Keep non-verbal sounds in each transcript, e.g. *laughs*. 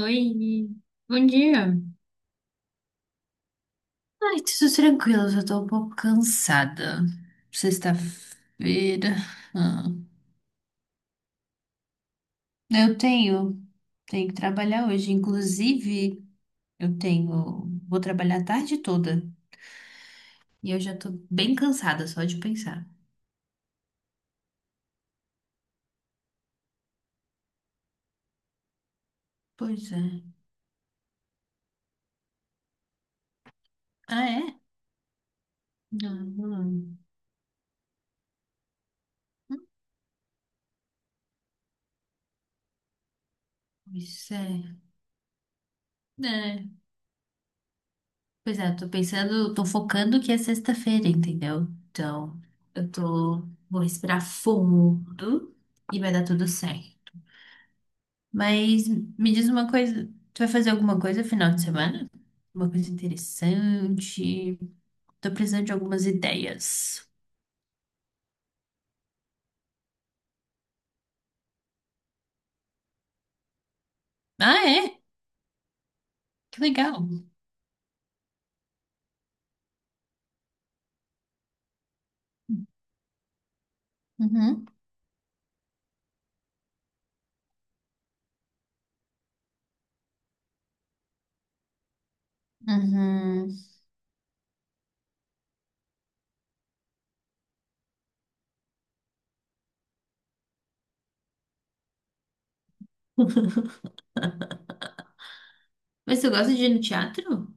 Oi, bom dia. Ai, tudo tranquilo, já tô um pouco cansada. Sexta-feira. Ah, eu tenho, tenho que trabalhar hoje. Inclusive, vou trabalhar a tarde toda. E eu já tô bem cansada só de pensar. Pois é. Ah, é? Não, não. Pois é. É. Pois é, tô focando que é sexta-feira, entendeu? Então, vou respirar fundo e vai dar tudo certo. Mas me diz uma coisa, tu vai fazer alguma coisa no final de semana? Uma coisa interessante? Tô precisando de algumas ideias. Ah, é? Que legal. Uhum, uhum. Mas tu gosta de ir no teatro?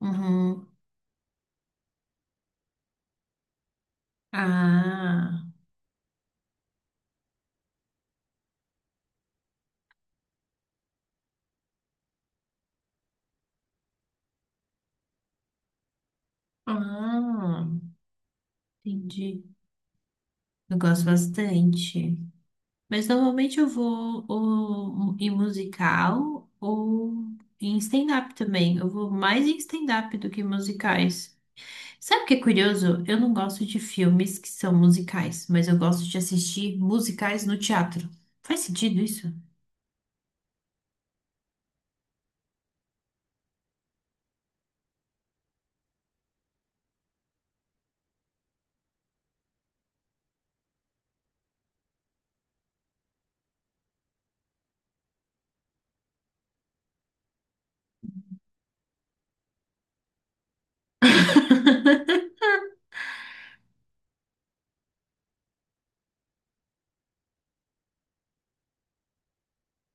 Uhum. Ah, ah, entendi. Eu gosto bastante. Mas normalmente eu vou ou em musical ou em stand-up também. Eu vou mais em stand-up do que em musicais. Sabe o que é curioso? Eu não gosto de filmes que são musicais, mas eu gosto de assistir musicais no teatro. Faz sentido isso? *laughs*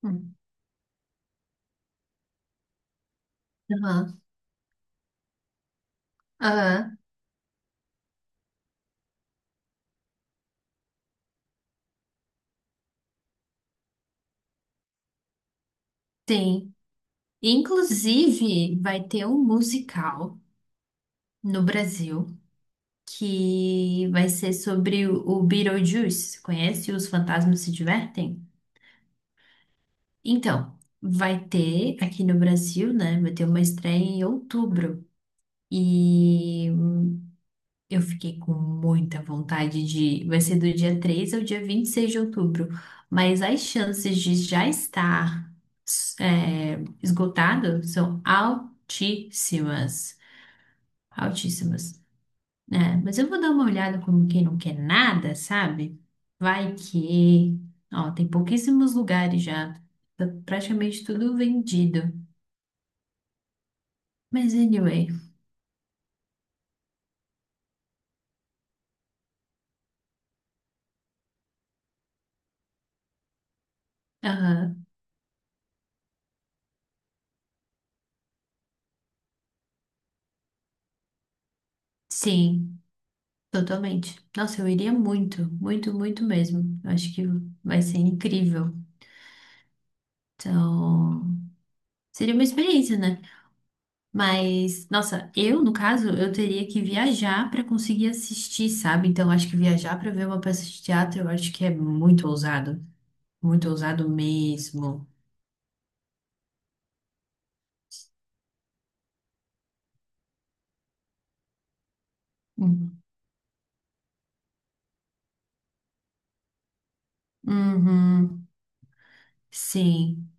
Hum. Aham, aham, tem. Inclusive, vai ter um musical no Brasil que vai ser sobre o Beetlejuice. Conhece Os Fantasmas Se Divertem? Então, vai ter aqui no Brasil, né? Vai ter uma estreia em outubro. E eu fiquei com muita vontade de. Vai ser do dia 3 ao dia 26 de outubro. Mas as chances de já estar é, esgotado são altíssimas. Altíssimas, né? Mas eu vou dar uma olhada como quem não quer nada, sabe? Vai que. Ó, tem pouquíssimos lugares já. Tá praticamente tudo vendido. Mas anyway, aham, sim, totalmente. Nossa, eu iria muito, muito, muito mesmo. Eu acho que vai ser incrível. Então, seria uma experiência, né? Mas, nossa, no caso, eu teria que viajar para conseguir assistir, sabe? Então, acho que viajar para ver uma peça de teatro, eu acho que é muito ousado. Muito ousado mesmo. Uhum. Uhum, sim.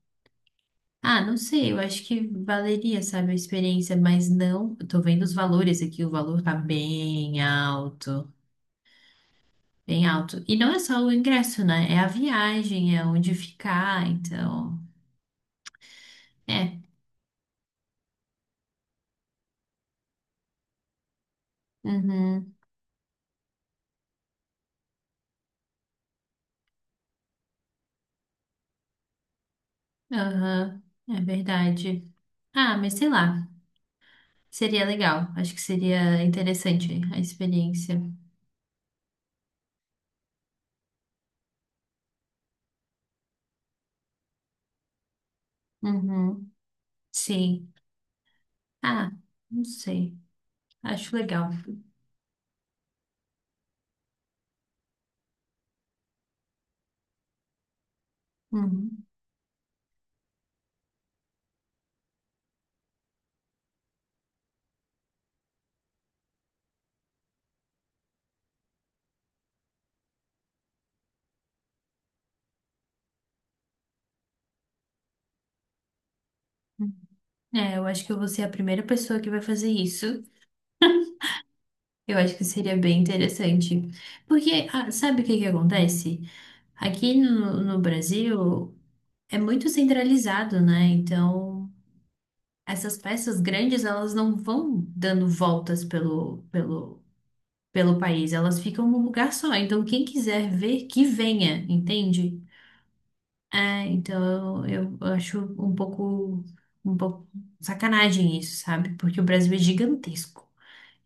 Ah, não sei, eu acho que valeria, sabe, a experiência, mas não, eu tô vendo os valores aqui, o valor tá bem alto, bem alto. E não é só o ingresso, né? É a viagem, é onde ficar, então. É, uhum, aham, é verdade. Ah, mas sei lá, seria legal, acho que seria interessante a experiência. Uhum, sim. Ah, não sei, acho legal. Uhum. É, eu acho que eu vou ser a primeira pessoa que vai fazer isso. Eu acho que seria bem interessante. Porque, ah, sabe o que que acontece? Aqui no Brasil é muito centralizado, né? Então, essas peças grandes, elas não vão dando voltas pelo país, elas ficam num lugar só. Então, quem quiser ver, que venha, entende? É, então, eu acho um pouco sacanagem isso, sabe? Porque o Brasil é gigantesco.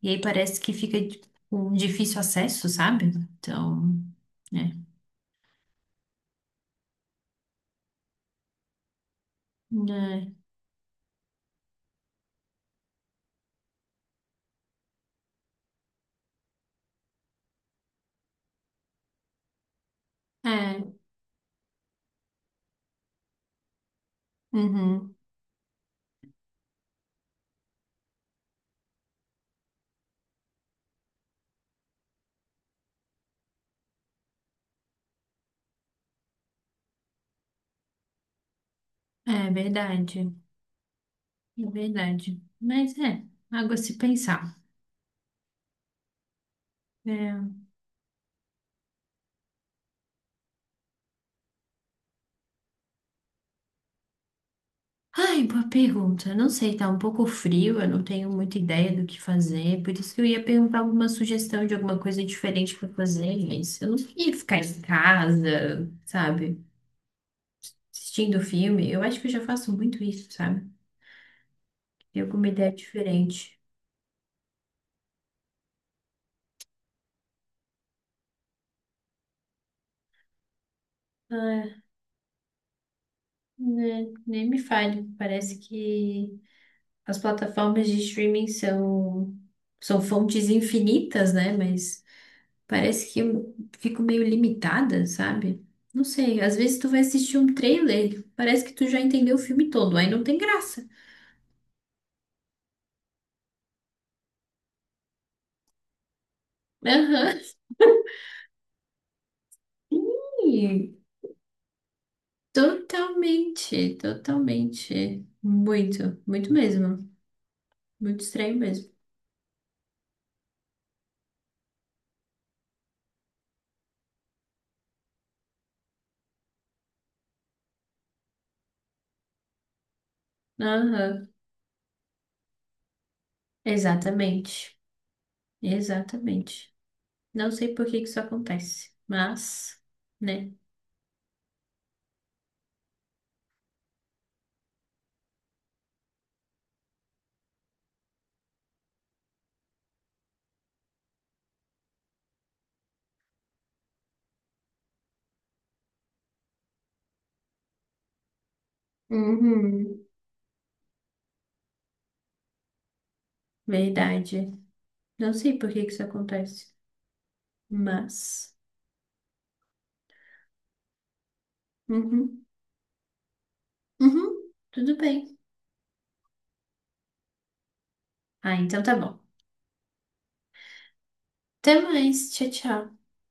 E aí parece que fica tipo, com difícil acesso, sabe? Então, é. É, é, uhum, é verdade, é verdade. Mas é, algo a se pensar. É. Ai, boa pergunta. Não sei, tá um pouco frio, eu não tenho muita ideia do que fazer, por isso que eu ia perguntar alguma sugestão de alguma coisa diferente pra fazer, mas eu não ia ficar em casa, sabe? Assistindo filme. Eu acho que eu já faço muito isso, sabe? Ter alguma ideia diferente. Ah. Né, nem me fale. Parece que as plataformas de streaming são fontes infinitas, né? Mas parece que eu fico meio limitada, sabe? Não sei, às vezes tu vai assistir um trailer, parece que tu já entendeu o filme todo, aí não tem graça. Aham. Ih. Totalmente, totalmente. Muito, muito mesmo. Muito estranho mesmo. Aham. Exatamente. Exatamente. Não sei por que que isso acontece, mas, né? Uhum. Verdade. Não sei por que que isso acontece, mas. Uhum. Uhum. Tudo bem. Ah, então tá bom. Até mais. Tchau, tchau.